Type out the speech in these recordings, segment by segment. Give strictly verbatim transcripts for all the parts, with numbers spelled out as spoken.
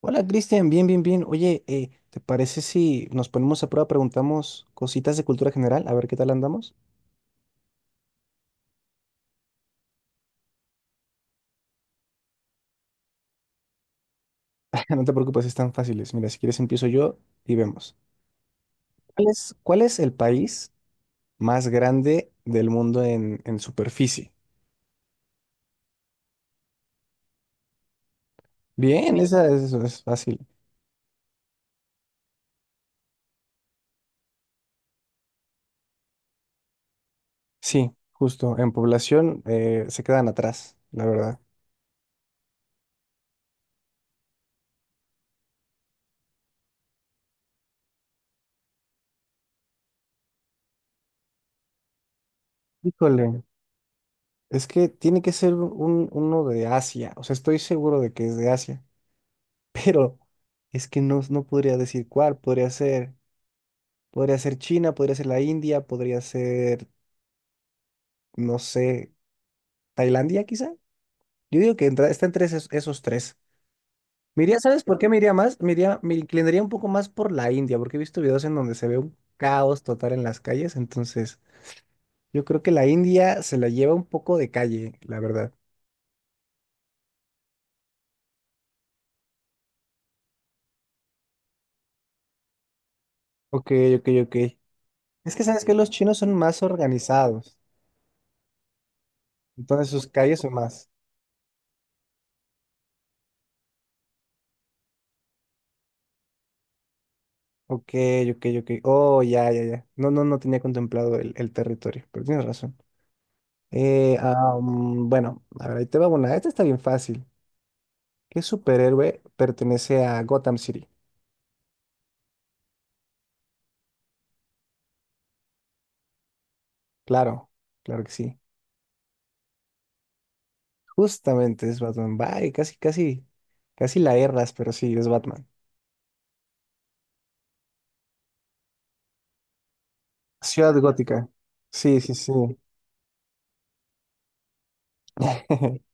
Hola Cristian, bien, bien, bien. Oye, eh, ¿te parece si nos ponemos a prueba, preguntamos cositas de cultura general, a ver qué tal andamos? No te preocupes, están fáciles. Mira, si quieres empiezo yo y vemos. ¿Cuál es, ¿cuál es el país más grande del mundo en, en superficie? Bien, esa es, es fácil. Sí, justo, en población eh, se quedan atrás, la verdad. Híjole, es que tiene que ser un, uno de Asia, o sea, estoy seguro de que es de Asia. Pero es que no, no podría decir cuál. Podría ser, podría ser China, podría ser la India, podría ser, no sé, Tailandia quizá. Yo digo que entra- está entre esos, esos tres. Me iría, ¿sabes por qué me iría más? Me iría, me inclinaría un poco más por la India, porque he visto videos en donde se ve un caos total en las calles. Entonces, yo creo que la India se la lleva un poco de calle, la verdad. Ok, ok, ok. Es que sabes que los chinos son más organizados, entonces sus calles son más. Ok, ok, ok. Oh, ya, ya, ya. No, no, no tenía contemplado el, el territorio, pero tienes razón. Eh, ah, mm, bueno, a ver, ahí te va una. Esta está bien fácil. ¿Qué superhéroe pertenece a Gotham City? Claro, claro que sí. Justamente es Batman. Bye, casi, casi, casi la erras, pero sí, es Batman. Ciudad Gótica. Sí, sí, sí.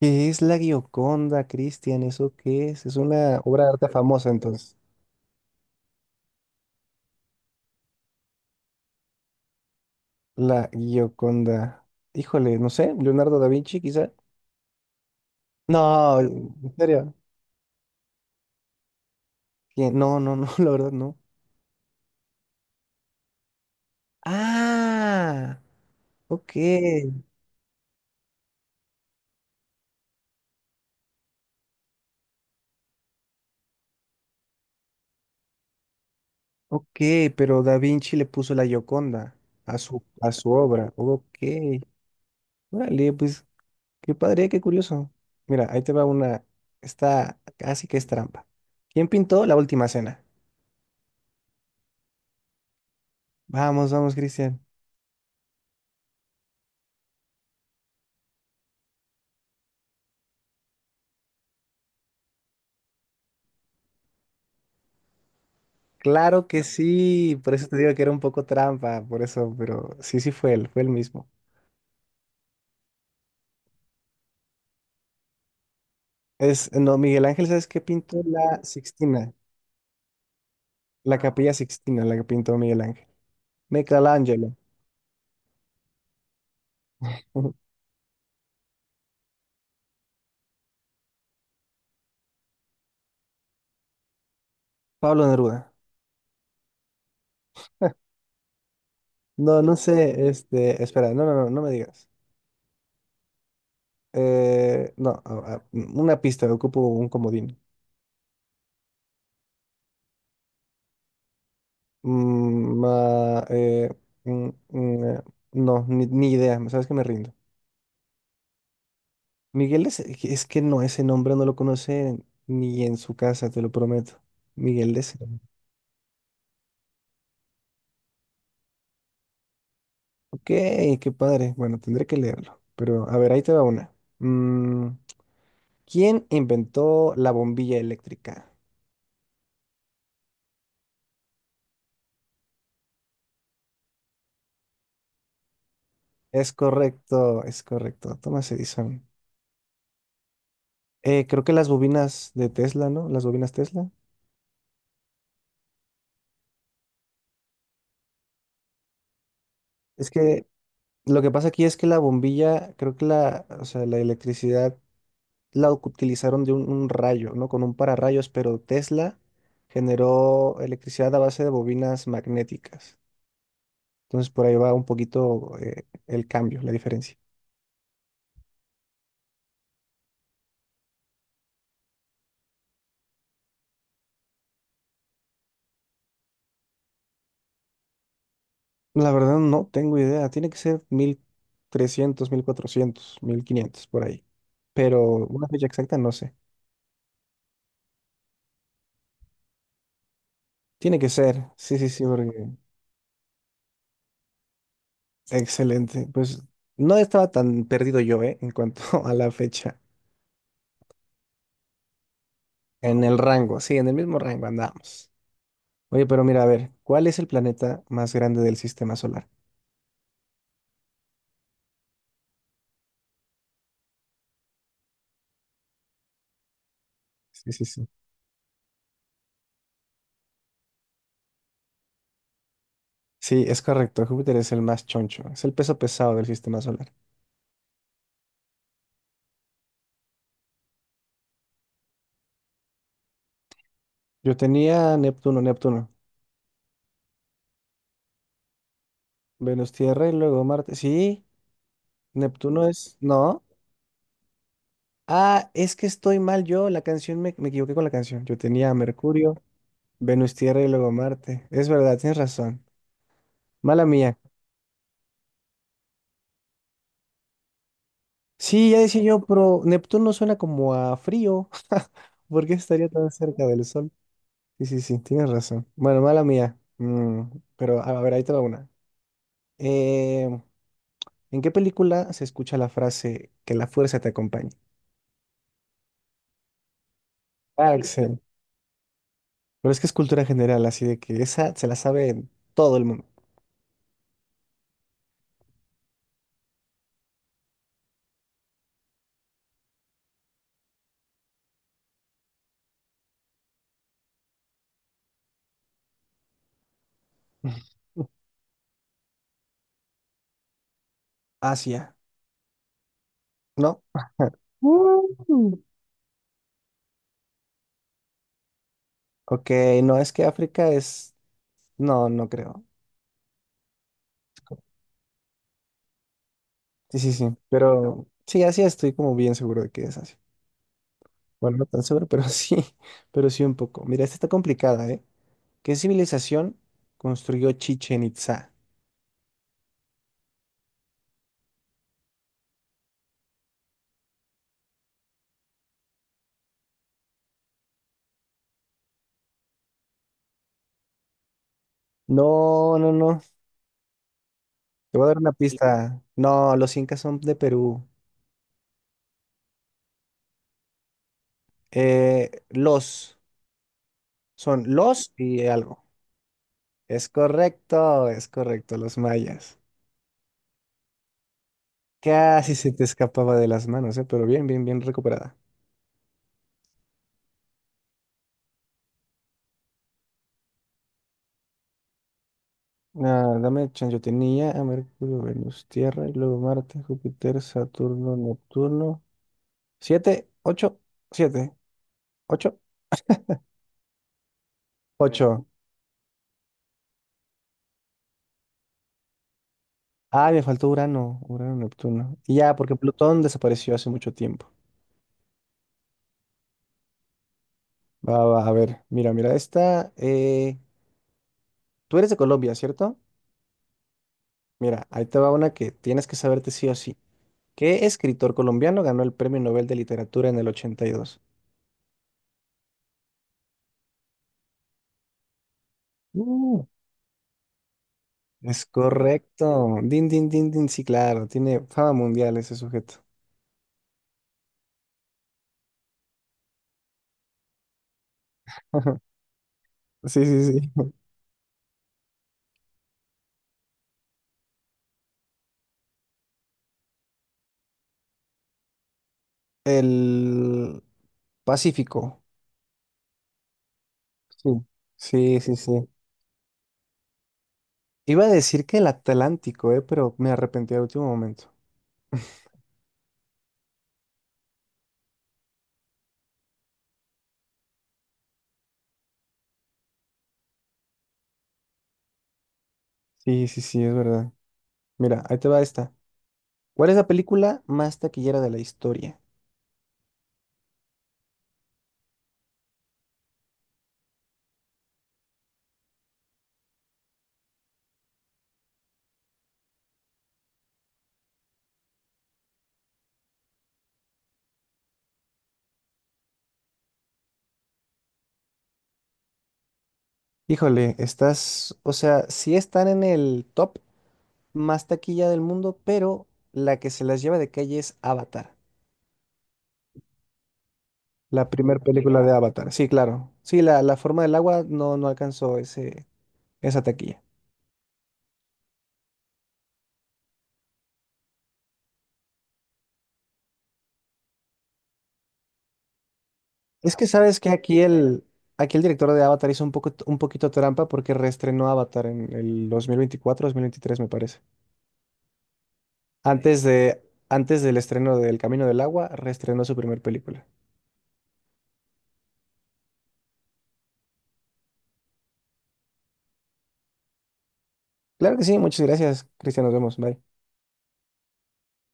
¿Qué es la Gioconda, Cristian? ¿Eso qué es? Es una obra de arte famosa, entonces. La Gioconda. Híjole, no sé, Leonardo da Vinci, quizá. No, en serio. ¿Quién? No, no, no, la verdad no. Ah, ok, ok, pero Da Vinci le puso la Gioconda a su, a su obra. Ok, órale, pues qué padre, qué curioso. Mira, ahí te va una, está casi que es trampa. ¿Quién pintó la última cena? Vamos, vamos, Cristian. Claro que sí, por eso te digo que era un poco trampa, por eso, pero sí, sí fue él, fue él mismo. Es, no, Miguel Ángel, ¿sabes qué pintó? La Sixtina, la Capilla Sixtina, la que pintó Miguel Ángel. Michelangelo, ujú. Pablo Neruda. No, no sé, este, espera, no, no, no, no me digas. Eh, no, a- a- una pista, ocupo un comodín. Mm, ma- eh, mm, mm, eh, no, ni, ni idea, ¿sabes que me rindo? Miguel es, es que no, ese nombre no lo conoce ni en su casa, te lo prometo. Miguel de Ok, qué padre. Bueno, tendré que leerlo. Pero a ver, ahí te va una. Mm, ¿quién inventó la bombilla eléctrica? Es correcto, es correcto. Thomas Edison. Eh, creo que las bobinas de Tesla, ¿no? Las bobinas Tesla. Es que lo que pasa aquí es que la bombilla, creo que la, o sea, la electricidad la utilizaron de un, un rayo, ¿no? Con un pararrayos, pero Tesla generó electricidad a base de bobinas magnéticas. Entonces por ahí va un poquito eh, el cambio, la diferencia. La verdad no tengo idea. Tiene que ser mil mil trescientos, mil cuatrocientos, mil quinientos por ahí. Pero una fecha exacta no sé. Tiene que ser. Sí, sí, sí, porque... Excelente. Pues no estaba tan perdido yo, ¿eh? En cuanto a la fecha. En el rango, sí, en el mismo rango andamos. Oye, pero mira, a ver, ¿cuál es el planeta más grande del sistema solar? Sí, sí, sí. Sí, es correcto. Júpiter es el más choncho. Es el peso pesado del sistema solar. Yo tenía Neptuno, Neptuno. Venus, Tierra y luego Marte. Sí. Neptuno es, no. Ah, es que estoy mal yo. La canción me, me equivoqué con la canción. Yo tenía Mercurio, Venus, Tierra y luego Marte. Es verdad, tienes razón. Mala mía. Sí, ya decía yo, pero Neptuno suena como a frío. ¿Por qué estaría tan cerca del Sol? Sí, sí, sí, tienes razón. Bueno, mala mía. Mm, pero a a ver, ahí te va una. Eh, ¿En qué película se escucha la frase que la fuerza te acompañe? Axel. Pero es que es cultura general, así de que esa se la sabe todo el mundo. Asia, ¿no? Mm. Ok, no, es que África es... No, no creo. Sí, sí, sí, pero sí, Asia estoy como bien seguro de que es Asia. Bueno, no tan seguro, pero sí, pero sí un poco. Mira, esta está complicada, ¿eh? ¿Qué civilización construyó Chichen Itzá? No, no, no. Te voy a dar una pista. No, los incas son de Perú. Eh, los, Son los y algo. Es correcto, es correcto, los mayas. Casi se te escapaba de las manos, ¿eh? Pero bien, bien, bien recuperada. Ah, dame chance. Yo tenía a Mercurio, Venus, Tierra, y luego Marte, Júpiter, Saturno, Neptuno. Siete, ocho, siete, ocho, ocho. Ah, me faltó Urano, Urano, Neptuno. Y ya, porque Plutón desapareció hace mucho tiempo. Va, va, a ver, mira, mira, esta. eh, Tú eres de Colombia, ¿cierto? Mira, ahí te va una que tienes que saberte sí o sí. ¿Qué escritor colombiano ganó el Premio Nobel de Literatura en el ochenta y dos? Es correcto. Din, din, din, din. Sí, claro. Tiene fama mundial ese sujeto. Sí, sí, sí. El Pacífico. Sí. Sí, sí, sí. Iba a decir que el Atlántico, eh, pero me arrepentí al último momento. Sí, sí, sí, es verdad. Mira, ahí te va esta. ¿Cuál es la película más taquillera de la historia? Híjole, estás, o sea, sí están en el top más taquilla del mundo, pero la que se las lleva de calle es Avatar. La primera película de Avatar, sí, claro. Sí, la, la forma del agua no, no alcanzó ese, esa taquilla. Es que sabes que aquí el, aquí el director de Avatar hizo un poco, un poquito trampa porque reestrenó Avatar en el dos mil veinticuatro, dos mil veintitrés me parece. Antes de, antes del estreno del Camino del Agua, reestrenó su primer película. Claro que sí, muchas gracias, Cristian, nos vemos, bye.